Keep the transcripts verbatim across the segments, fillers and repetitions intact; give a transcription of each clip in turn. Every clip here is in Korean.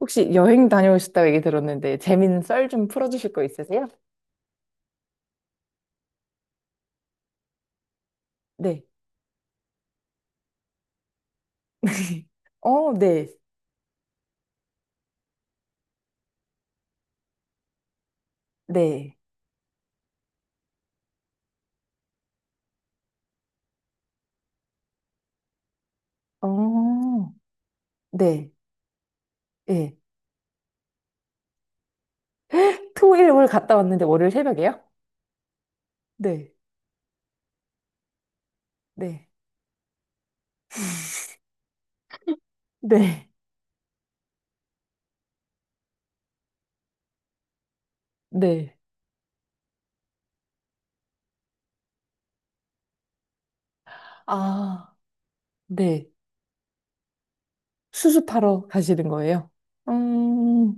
혹시 여행 다녀오셨다고 얘기 들었는데 재밌는 썰 좀 풀어주실 거 있으세요? 네. 어, 네. 네. 어, 네. 예. 토일 월 갔다 왔는데 월요일 새벽에요? 네. 네. 네. 네. 아, 네. 수습하러 가시는 거예요? 음,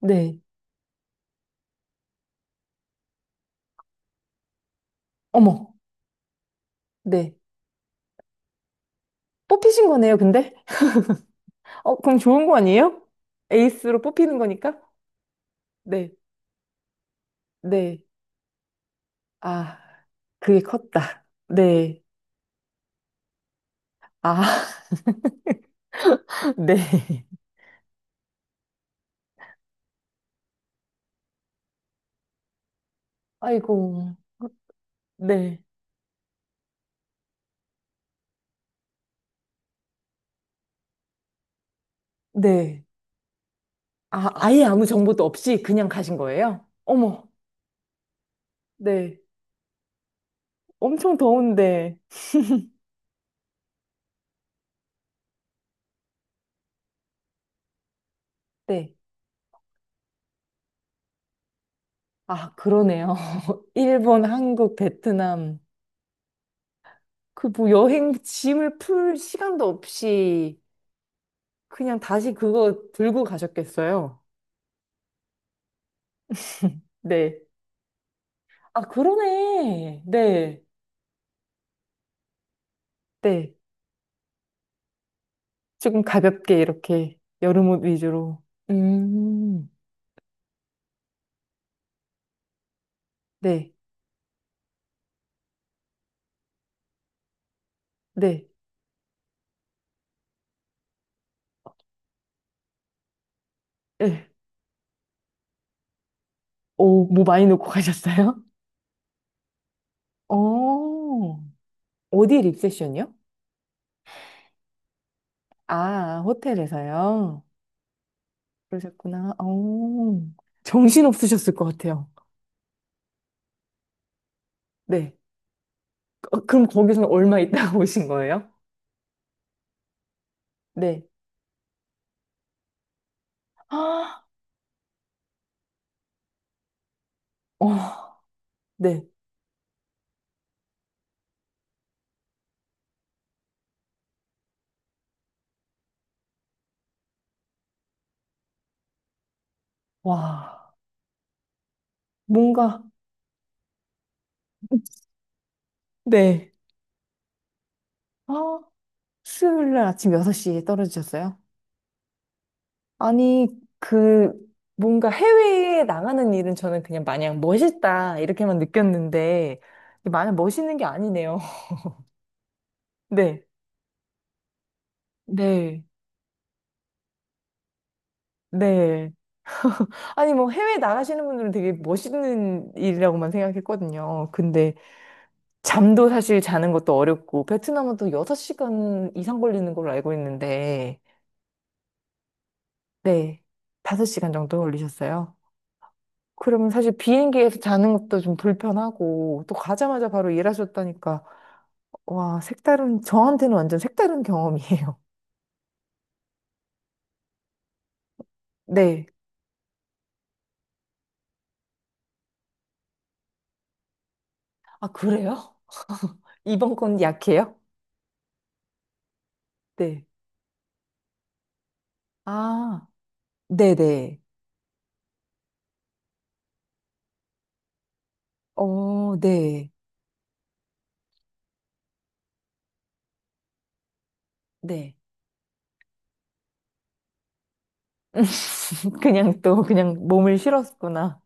네. 어머. 네. 뽑히신 거네요, 근데? 어, 그럼 좋은 거 아니에요? 에이스로 뽑히는 거니까? 네. 네. 아, 그게 컸다. 네. 아, 네. 아이고, 네. 네. 아, 아예 아무 정보도 없이 그냥 가신 거예요? 어머, 네. 엄청 더운데. 네. 아, 그러네요. 일본, 한국, 베트남. 그 뭐 여행 짐을 풀 시간도 없이 그냥 다시 그거 들고 가셨겠어요? 네. 아, 그러네. 네. 네. 조금 가볍게 이렇게 여름 옷 위주로. 음, 네. 네. 네. 오, 뭐 많이 놓고 가셨어요? 어, 어디 립세션이요? 아, 호텔에서요? 그러셨구나. 어, 정신 없으셨을 것 같아요. 네. 어, 그럼 거기서는 얼마 있다가 오신 거예요? 네. 아, 어, 네. 와, 뭔가, 네. 아, 수요일 날 아침 여섯 시에 떨어지셨어요? 아니, 그, 뭔가 해외에 나가는 일은 저는 그냥 마냥 멋있다, 이렇게만 느꼈는데, 이게 마냥 멋있는 게 아니네요. 네, 네, 네. 아니, 뭐 해외 나가시는 분들은 되게 멋있는 일이라고만 생각했거든요. 근데 잠도 사실 자는 것도 어렵고, 베트남은 또 여섯 시간 이상 걸리는 걸로 알고 있는데, 네, 다섯 시간 정도 걸리셨어요. 그러면 사실 비행기에서 자는 것도 좀 불편하고, 또 가자마자 바로 일하셨다니까. 와, 색다른, 저한테는 완전 색다른 경험이에요. 네. 아, 그래요? 이번 건 약해요? 네. 아, 네네. 어, 네. 네. 그냥 또, 그냥 몸을 실었구나.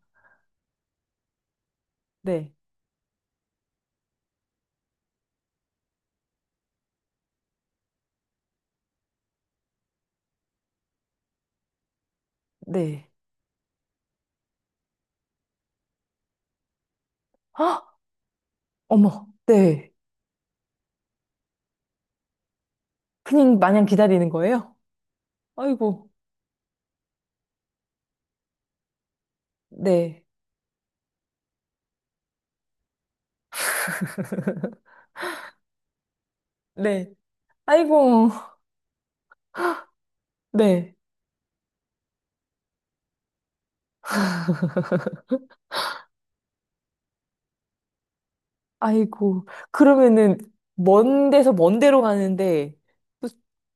네. 네. 헉! 어머, 네. 그냥 마냥 기다리는 거예요? 아이고, 네. 네. 아이고, 네. 아이고, 그러면은, 먼 데서 먼 데로 가는데, 또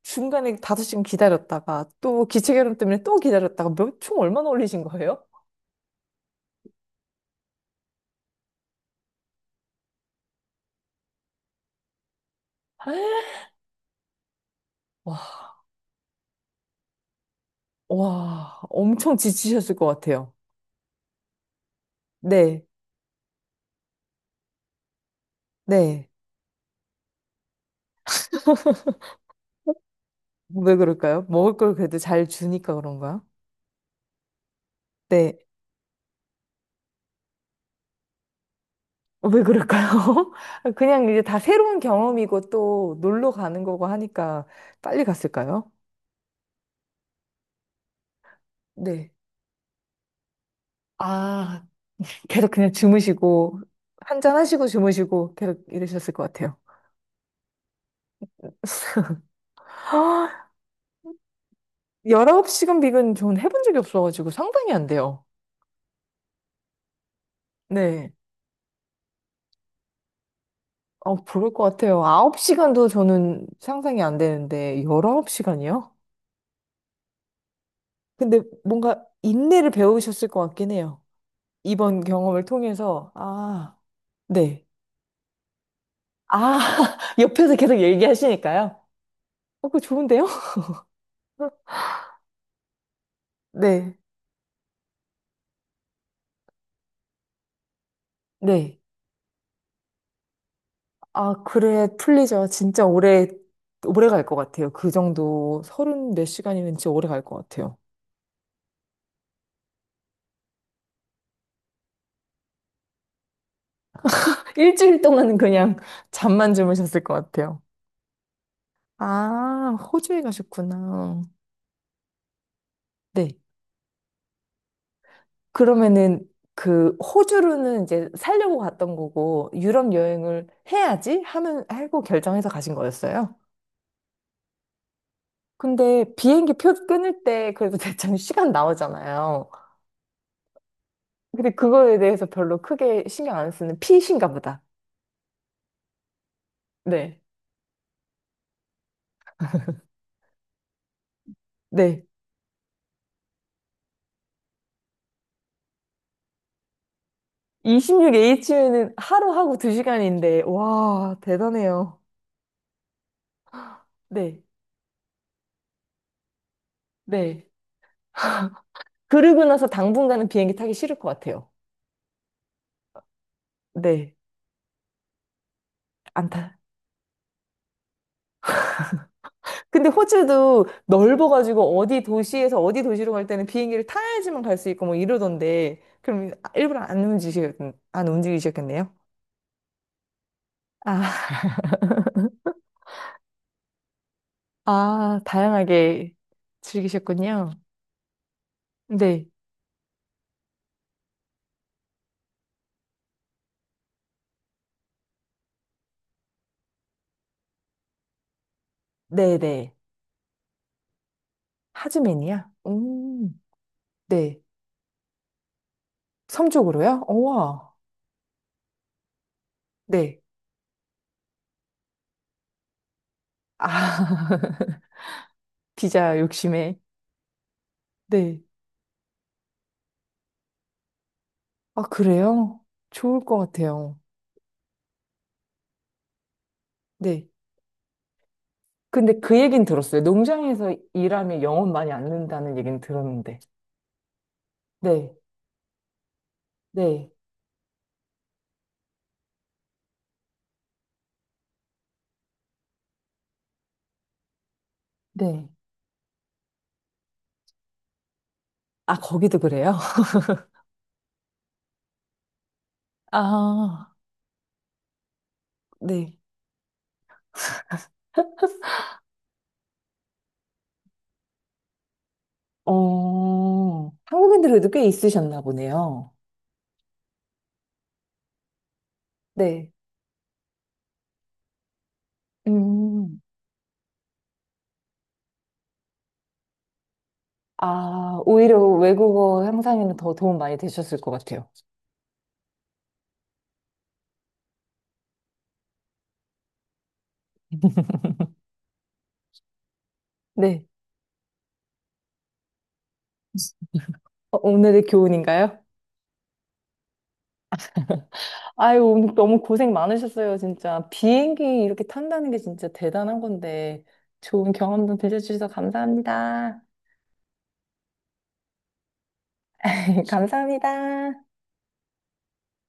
중간에 다섯 시간 기다렸다가, 또 기체결함 때문에 또 기다렸다가, 몇 총 얼마나 올리신 거예요? 와, 와, 엄청 지치셨을 것 같아요. 네, 네. 왜 그럴까요? 먹을 걸 그래도 잘 주니까 그런가요? 네. 왜 그럴까요? 그냥 이제 다 새로운 경험이고 또 놀러 가는 거고 하니까 빨리 갔을까요? 네. 아, 계속 그냥 주무시고 한 잔하시고 주무시고 계속 이러셨을 것 같아요. 열아홉 시간 비근 저는 해본 적이 없어가지고 상상이 안 돼요. 네. 어, 부를 것 같아요. 아홉 시간도 저는 상상이 안 되는데 열아홉 시간이요? 근데 뭔가 인내를 배우셨을 것 같긴 해요. 이번 경험을 통해서 아, 네. 아, 옆에서 계속 얘기하시니까요. 어, 그거 좋은데요? 네. 네. 아, 그래, 풀리죠. 진짜 오래, 오래 갈 것 같아요. 그 정도 서른 몇 시간이면 진짜 오래 갈 것 같아요. 일주일 동안은 그냥 잠만 주무셨을 것 같아요. 아, 호주에 가셨구나. 네. 그러면은 그 호주로는 이제 살려고 갔던 거고 유럽 여행을 해야지 하면 하고 결정해서 가신 거였어요. 근데 비행기 표 끊을 때 그래도 대충 시간 나오잖아요. 근데 그거에 대해서 별로 크게 신경 안 쓰는 피신가 보다. 네. 네. 이십육 에이치는 하루하고 두 시간인데, 와, 대단해요. 네, 네. 그러고 나서 당분간은 비행기 타기 싫을 것 같아요. 네, 안 타. 근데 호주도 넓어가지고 어디 도시에서 어디 도시로 갈 때는 비행기를 타야지만 갈 수 있고 뭐 이러던데, 그럼 일부러 안 움직이셨, 안 움직이셨겠네요? 아, 아, 다양하게 즐기셨군요. 네, 네네. 하즈맨이야? 음, 네. 섬 쪽으로요? 우와. 네. 아, 피자 욕심에. 네. 아, 그래요? 좋을 것 같아요. 네. 근데 그 얘긴 들었어요. 농장에서 일하면 영혼 많이 안 는다는 얘긴 들었는데. 네. 네. 네. 아, 거기도 그래요? 아, 네. 어, 한국인들도 꽤 있으셨나 보네요. 네. 음. 아, 오히려 외국어 향상에는 더 도움 많이 되셨을 것 같아요. 네. 어, 오늘의 교훈인가요? 아유, 오늘 너무 고생 많으셨어요, 진짜. 비행기 이렇게 탄다는 게 진짜 대단한 건데, 좋은 경험도 들려주셔서 감사합니다. 감사합니다.